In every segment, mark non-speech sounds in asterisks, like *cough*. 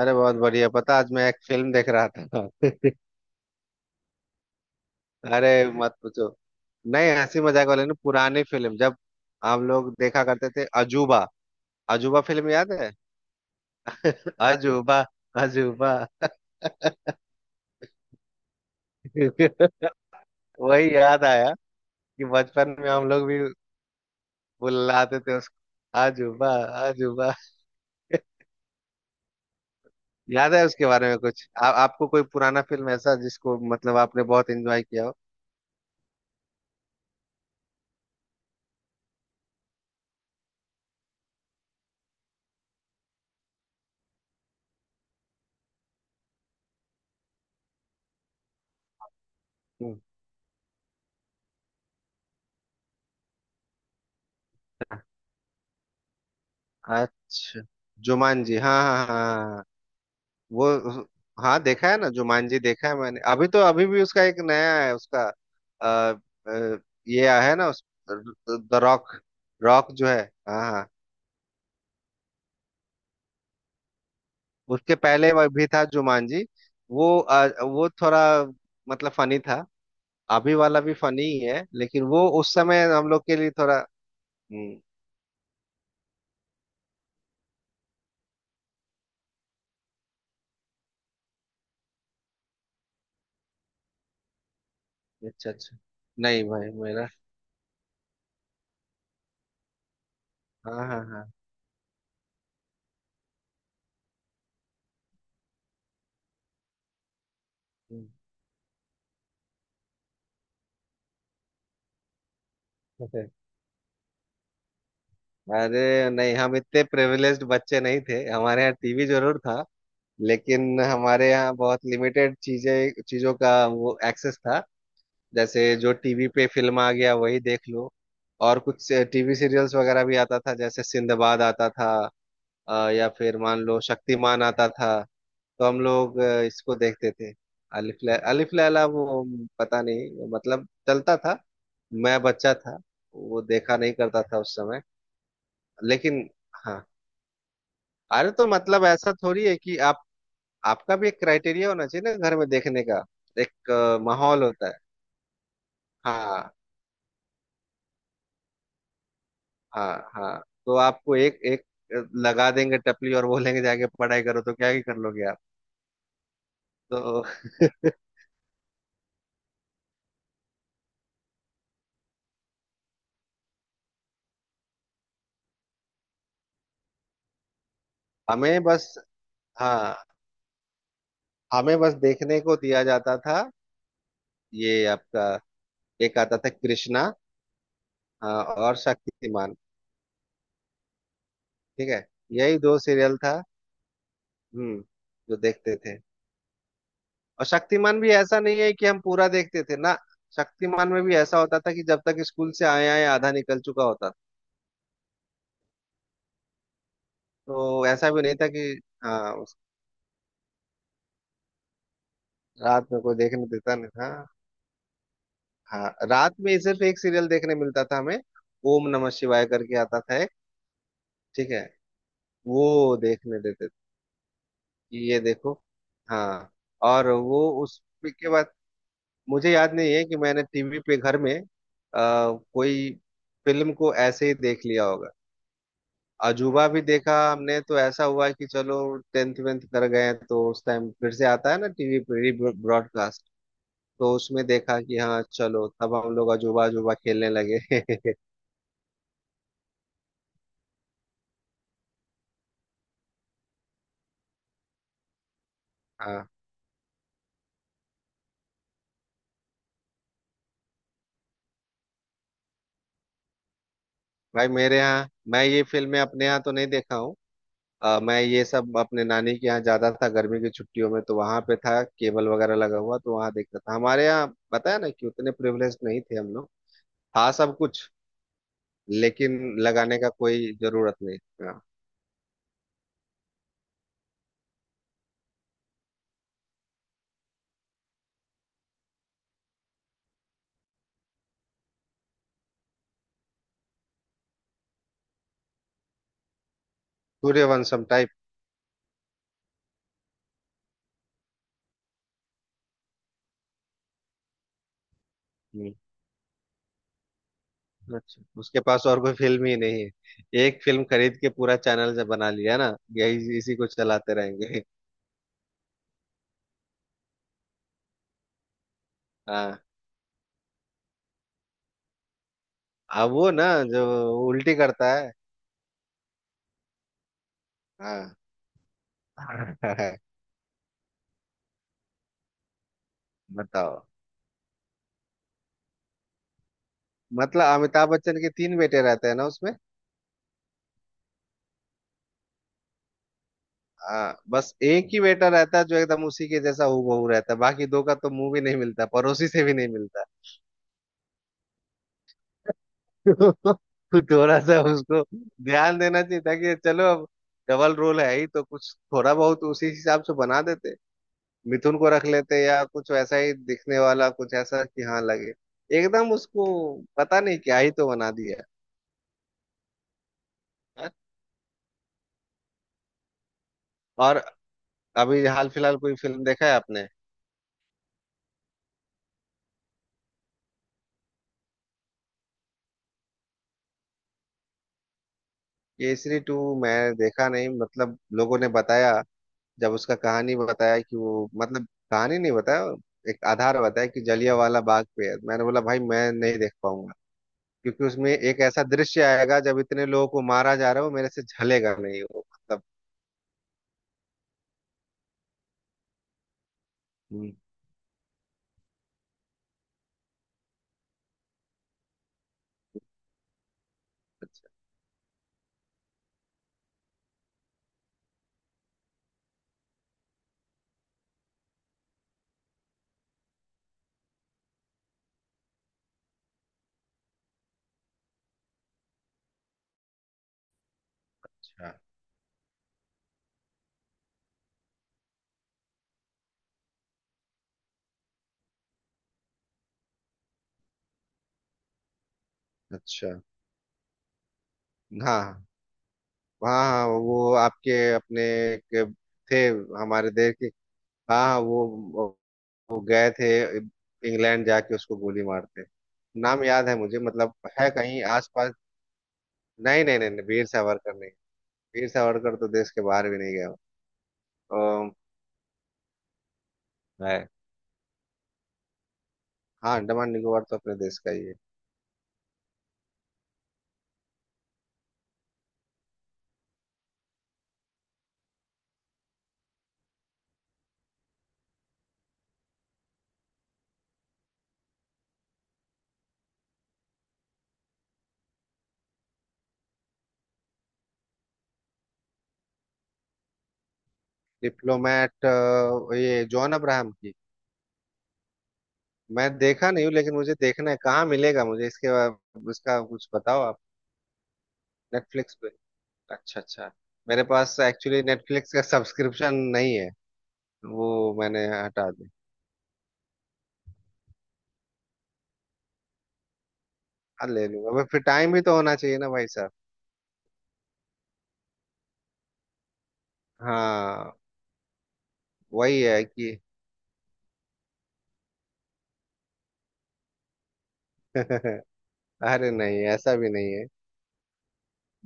अरे बहुत बढ़िया। पता आज मैं एक फिल्म देख रहा था। *laughs* अरे मत पूछो। नहीं, हंसी मजाक वाले नहीं, पुरानी फिल्म, जब हम लोग देखा करते थे अजूबा। अजूबा फिल्म याद है? *laughs* अजूबा अजूबा। *laughs* वही याद आया कि बचपन में हम लोग भी बुलाते थे उसको अजूबा अजूबा। याद है उसके बारे में कुछ? आपको कोई पुराना फिल्म ऐसा जिसको मतलब आपने बहुत एंजॉय किया हो? हम्म। अच्छा, जुमान जी, हाँ हाँ हाँ। वो, हाँ देखा है ना, जुमान जी देखा है मैंने। अभी तो अभी भी उसका एक नया है उसका। अ, अ, ये आया है ना उस द रॉक। रॉक जो है। हाँ हाँ। उसके पहले वह भी था जुमान जी। वो वो थोड़ा मतलब फनी था। अभी वाला भी फनी ही है लेकिन वो उस समय हम लोग के लिए थोड़ा। हम्म। अच्छा अच्छा। नहीं भाई मेरा। हाँ हाँ हाँ। हम्म। *laughs* अरे नहीं, हम इतने प्रिविलेज्ड बच्चे नहीं थे। हमारे यहाँ टीवी जरूर था लेकिन हमारे यहाँ बहुत लिमिटेड चीजें चीजों का वो एक्सेस था। जैसे जो टीवी पे फिल्म आ गया वही देख लो। और कुछ टीवी सीरियल्स वगैरह भी आता था, जैसे सिंदबाद आता था। या फिर मान लो शक्तिमान आता था। तो हम लोग इसको देखते थे। अलिफ लैला वो पता नहीं मतलब चलता था। मैं बच्चा था। वो देखा नहीं करता था उस समय। लेकिन हाँ। अरे तो मतलब ऐसा थोड़ी है कि आप आपका भी एक क्राइटेरिया होना चाहिए ना घर में देखने का। एक माहौल होता है। हाँ हाँ हाँ। तो आपको एक एक लगा देंगे टपली और बोलेंगे जाके पढ़ाई करो, तो क्या ही कर लोगे आप। तो *laughs* हमें बस, हाँ, हमें बस देखने को दिया जाता था। ये आपका, एक आता था कृष्णा। हाँ, और शक्तिमान। ठीक है, यही दो सीरियल था। हम्म। जो देखते थे। और शक्तिमान भी ऐसा नहीं है कि हम पूरा देखते थे ना। शक्तिमान में भी ऐसा होता था कि जब तक स्कूल से आए आए आधा निकल चुका होता था। तो ऐसा भी नहीं था कि हाँ रात में कोई देखने देता नहीं था। हाँ रात में सिर्फ एक सीरियल देखने मिलता था हमें। ओम नमः शिवाय करके आता था एक। ठीक है, वो देखने देते थे कि ये देखो। हाँ। और वो उस के बाद मुझे याद नहीं है कि मैंने टीवी पे घर में कोई फिल्म को ऐसे ही देख लिया होगा। अजूबा भी देखा हमने तो ऐसा हुआ कि चलो टेंथ वेंथ कर गए तो उस टाइम फिर से आता है ना टीवी पे री ब्रॉडकास्ट। तो उसमें देखा कि हाँ चलो, तब हम लोग अजूबा अजूबा खेलने लगे। *laughs* हाँ। भाई मेरे यहाँ, मैं ये फिल्में अपने यहाँ तो नहीं देखा हूँ। मैं ये सब अपने नानी के यहाँ ज्यादा था। गर्मी की छुट्टियों में तो वहां पे था केबल वगैरह लगा हुआ, तो वहां देखता था। हमारे यहाँ पता है ना कि उतने प्रिविलेज नहीं थे हम लोग। था सब कुछ लेकिन लगाने का कोई जरूरत नहीं। हाँ सूर्यवंशम टाइप। अच्छा, उसके पास और कोई फिल्म ही नहीं है। एक फिल्म खरीद के पूरा चैनल जब बना लिया ना, यही इसी को चलाते रहेंगे। हाँ। अब वो ना जो उल्टी करता है। हाँ। *laughs* बताओ। मतलब अमिताभ बच्चन के तीन बेटे रहते हैं ना उसमें। हाँ, बस एक ही बेटा रहता है जो एकदम उसी के जैसा हूबहू रहता है, बाकी दो का तो मुंह भी नहीं मिलता, पड़ोसी से भी नहीं मिलता। *laughs* तो थोड़ा सा उसको ध्यान देना चाहिए था कि चलो अब डबल रोल है ही तो कुछ थोड़ा बहुत उसी हिसाब से बना देते। मिथुन को रख लेते या कुछ वैसा ही दिखने वाला, कुछ ऐसा कि हाँ लगे एकदम उसको। पता नहीं क्या ही तो बना दिया है। और अभी हाल फिलहाल कोई फिल्म देखा है आपने? केसरी टू मैं देखा नहीं, मतलब लोगों ने बताया। जब उसका कहानी बताया कि वो, मतलब कहानी नहीं बताया, एक आधार बताया कि जलियांवाला बाग पे है, मैंने बोला भाई मैं नहीं देख पाऊंगा। क्योंकि उसमें एक ऐसा दृश्य आएगा जब इतने लोगों को मारा जा रहा हो, मेरे से झलेगा नहीं वो, मतलब। हम्म, अच्छा अच्छा। हाँ हाँ। हाँ हाँ, वो आपके अपने के थे, हमारे देश के। हाँ हाँ, वो गए थे इंग्लैंड जाके उसको गोली मारते। नाम याद है मुझे, मतलब है कहीं आसपास। नहीं नहीं नहीं नहीं, वीर सावरकर नहीं। वीर सावरकर तो देश के बाहर भी नहीं गया। अम, है, हाँ, अंडमान निकोबार तो अपने देश का ही है। डिप्लोमेट ये जॉन अब्राहम की? मैं देखा नहीं हूँ लेकिन मुझे देखना है। कहाँ मिलेगा मुझे? इसका कुछ बताओ आप। नेटफ्लिक्स। अच्छा अच्छा। मेरे पास एक्चुअली नेटफ्लिक्स का सब्सक्रिप्शन नहीं है। वो मैंने हटा दिया। हाँ ले लूंगा भाई, फिर टाइम भी तो होना चाहिए ना भाई साहब। हाँ वही है कि। *laughs* अरे नहीं, ऐसा भी नहीं है।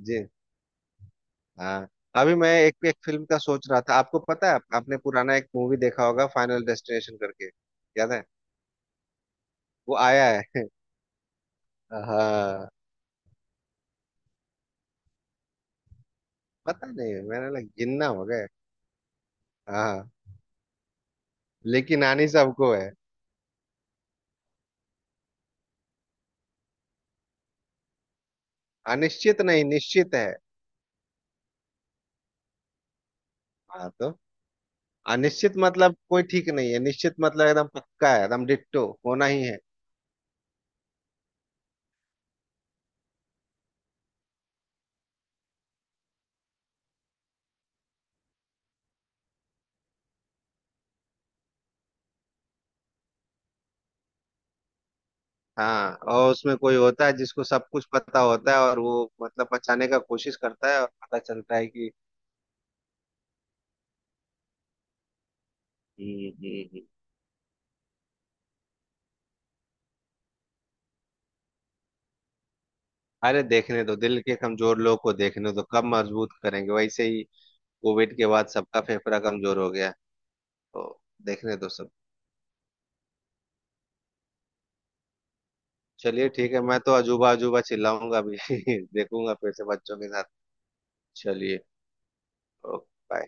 जी। हाँ। अभी मैं एक एक फिल्म का सोच रहा था। आपको पता है, आपने पुराना एक मूवी देखा होगा फाइनल डेस्टिनेशन करके? याद है? वो आया है। हाँ। पता नहीं मैंने लग जिन्ना हो गए। हाँ, लेकिन आनी सबको है। अनिश्चित नहीं, निश्चित है। हाँ तो अनिश्चित मतलब कोई ठीक नहीं है, निश्चित मतलब एकदम पक्का है, एकदम डिट्टो होना ही है। हाँ, और उसमें कोई होता है जिसको सब कुछ पता होता है और वो मतलब बचाने का कोशिश करता है और पता चलता है कि। हम्म, हम्म, हम्म। अरे देखने दो, दिल के कमजोर लोग को देखने दो, कब मजबूत करेंगे वैसे ही। कोविड के बाद सबका फेफड़ा कमजोर हो गया। तो देखने दो सब। चलिए ठीक है, मैं तो अजूबा अजूबा चिल्लाऊंगा अभी। *laughs* देखूंगा फिर से बच्चों के साथ। चलिए ओके बाय।